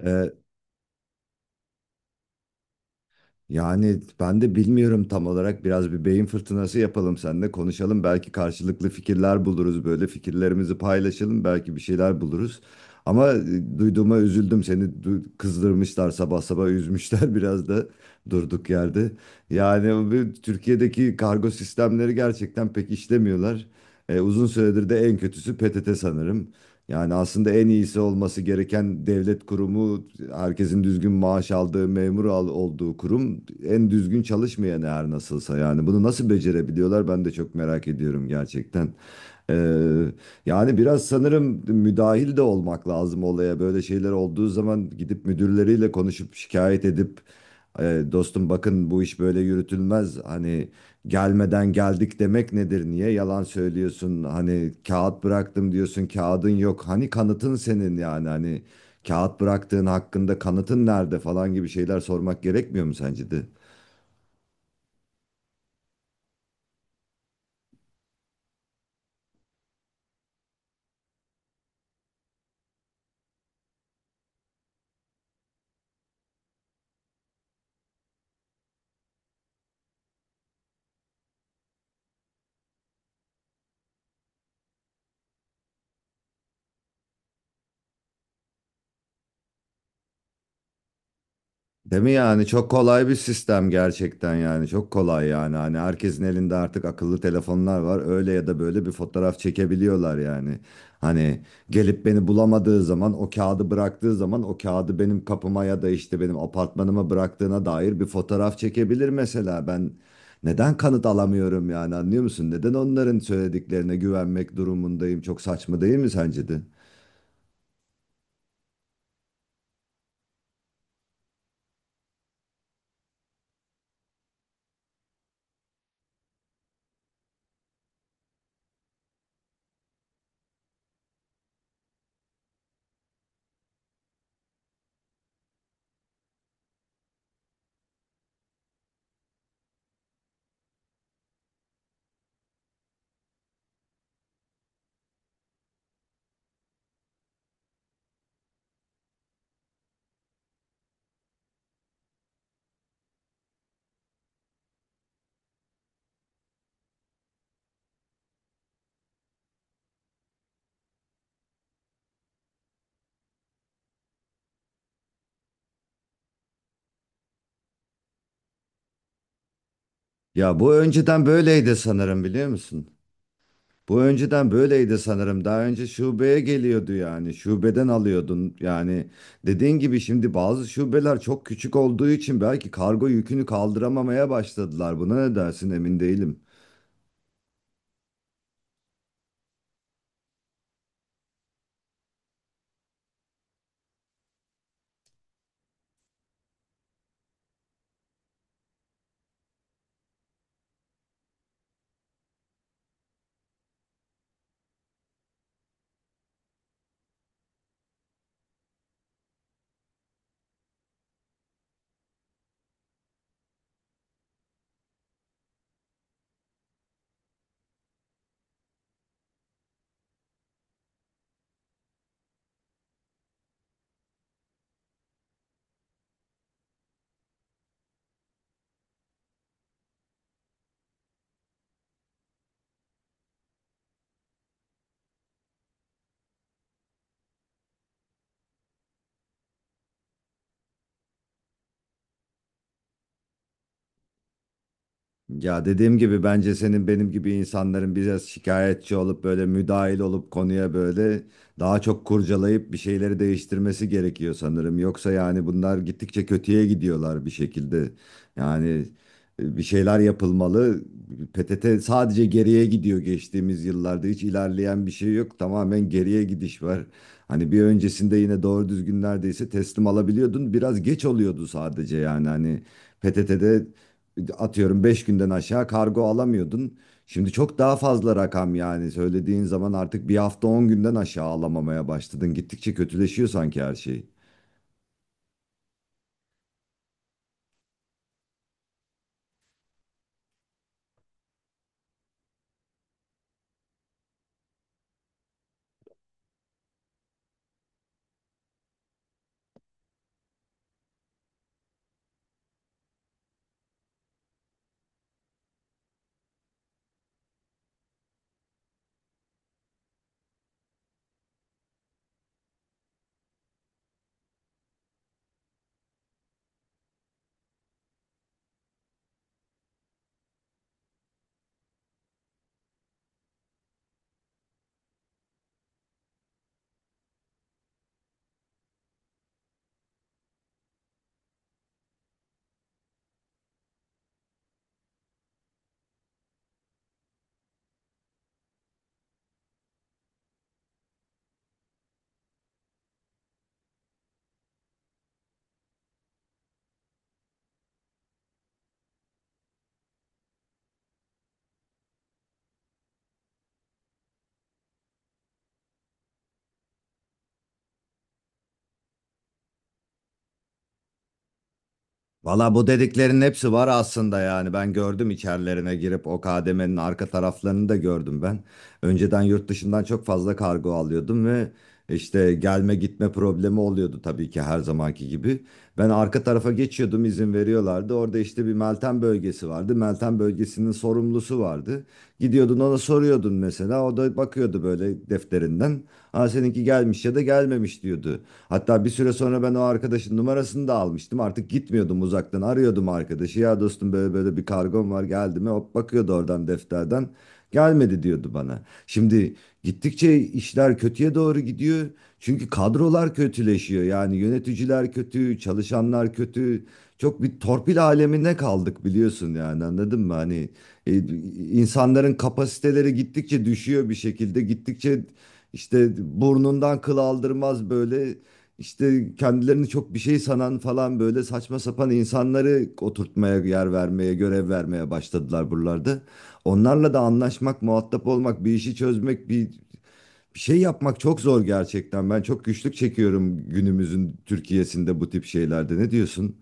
Ee, Yani ben de bilmiyorum tam olarak. Biraz bir beyin fırtınası yapalım seninle konuşalım. Belki karşılıklı fikirler buluruz böyle. Fikirlerimizi paylaşalım. Belki bir şeyler buluruz. Ama duyduğuma üzüldüm. Seni kızdırmışlar sabah sabah üzmüşler biraz da durduk yerde. Yani bu Türkiye'deki kargo sistemleri gerçekten pek işlemiyorlar. E, uzun süredir de en kötüsü PTT sanırım. Yani aslında en iyisi olması gereken devlet kurumu, herkesin düzgün maaş aldığı, memur olduğu kurum en düzgün çalışmayan her nasılsa. Yani bunu nasıl becerebiliyorlar ben de çok merak ediyorum gerçekten. Ee, Yani biraz sanırım müdahil de olmak lazım olaya. Böyle şeyler olduğu zaman gidip müdürleriyle konuşup şikayet edip dostum bakın bu iş böyle yürütülmez. Hani gelmeden geldik demek nedir? Niye yalan söylüyorsun? Hani kağıt bıraktım diyorsun kağıdın yok. Hani kanıtın senin yani hani kağıt bıraktığın hakkında kanıtın nerede falan gibi şeyler sormak gerekmiyor mu sence de? Değil mi yani çok kolay bir sistem gerçekten yani çok kolay yani hani herkesin elinde artık akıllı telefonlar var öyle ya da böyle bir fotoğraf çekebiliyorlar yani hani gelip beni bulamadığı zaman o kağıdı bıraktığı zaman o kağıdı benim kapıma ya da işte benim apartmanıma bıraktığına dair bir fotoğraf çekebilir mesela ben neden kanıt alamıyorum yani anlıyor musun neden onların söylediklerine güvenmek durumundayım çok saçma değil mi sence de? Ya bu önceden böyleydi sanırım biliyor musun? Bu önceden böyleydi sanırım. Daha önce şubeye geliyordu yani. Şubeden alıyordun. Yani dediğin gibi şimdi bazı şubeler çok küçük olduğu için belki kargo yükünü kaldıramamaya başladılar. Buna ne dersin emin değilim. Ya dediğim gibi bence senin benim gibi insanların biraz şikayetçi olup böyle müdahil olup konuya böyle daha çok kurcalayıp bir şeyleri değiştirmesi gerekiyor sanırım. Yoksa yani bunlar gittikçe kötüye gidiyorlar bir şekilde. Yani bir şeyler yapılmalı. PTT sadece geriye gidiyor geçtiğimiz yıllarda. Hiç ilerleyen bir şey yok. Tamamen geriye gidiş var. Hani bir öncesinde yine doğru düzgün neredeyse teslim alabiliyordun. Biraz geç oluyordu sadece yani hani PTT'de atıyorum 5 günden aşağı kargo alamıyordun. Şimdi çok daha fazla rakam yani söylediğin zaman artık bir hafta 10 günden aşağı alamamaya başladın. Gittikçe kötüleşiyor sanki her şey. Valla bu dediklerin hepsi var aslında yani ben gördüm içerilerine girip o kademenin arka taraflarını da gördüm ben. Önceden yurt dışından çok fazla kargo alıyordum ve işte gelme gitme problemi oluyordu tabii ki her zamanki gibi. Ben arka tarafa geçiyordum izin veriyorlardı. Orada işte bir Meltem bölgesi vardı. Meltem bölgesinin sorumlusu vardı. Gidiyordun ona soruyordun mesela. O da bakıyordu böyle defterinden. Ha seninki gelmiş ya da gelmemiş diyordu. Hatta bir süre sonra ben o arkadaşın numarasını da almıştım. Artık gitmiyordum uzaktan arıyordum arkadaşı. Ya dostum böyle böyle bir kargom var geldi mi? Hop bakıyordu oradan defterden gelmedi diyordu bana. Şimdi gittikçe işler kötüye doğru gidiyor. Çünkü kadrolar kötüleşiyor. Yani yöneticiler kötü, çalışanlar kötü. Çok bir torpil alemine kaldık biliyorsun yani anladın mı? Hani e, insanların kapasiteleri gittikçe düşüyor bir şekilde. Gittikçe işte burnundan kıl aldırmaz böyle işte kendilerini çok bir şey sanan falan böyle saçma sapan insanları oturtmaya, yer vermeye, görev vermeye başladılar buralarda. Onlarla da anlaşmak, muhatap olmak, bir işi çözmek, bir şey yapmak çok zor gerçekten. Ben çok güçlük çekiyorum günümüzün Türkiye'sinde bu tip şeylerde. Ne diyorsun?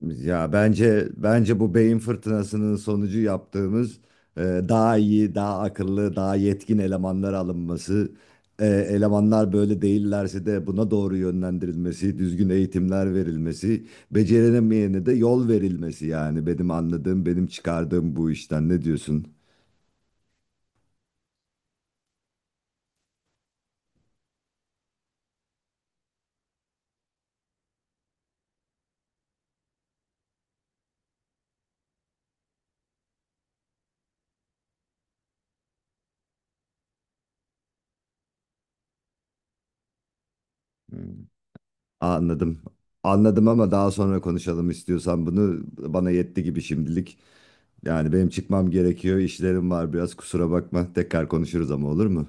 Ya bence bu beyin fırtınasının sonucu yaptığımız daha iyi, daha akıllı, daha yetkin elemanlar alınması, elemanlar böyle değillerse de buna doğru yönlendirilmesi, düzgün eğitimler verilmesi, beceremeyene de yol verilmesi yani benim anladığım, benim çıkardığım bu işten. Ne diyorsun? Anladım. Anladım ama daha sonra konuşalım istiyorsan bunu. Bana yetti gibi şimdilik. Yani benim çıkmam gerekiyor. İşlerim var biraz kusura bakma. Tekrar konuşuruz ama olur mu?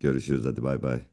Görüşürüz hadi bay bay.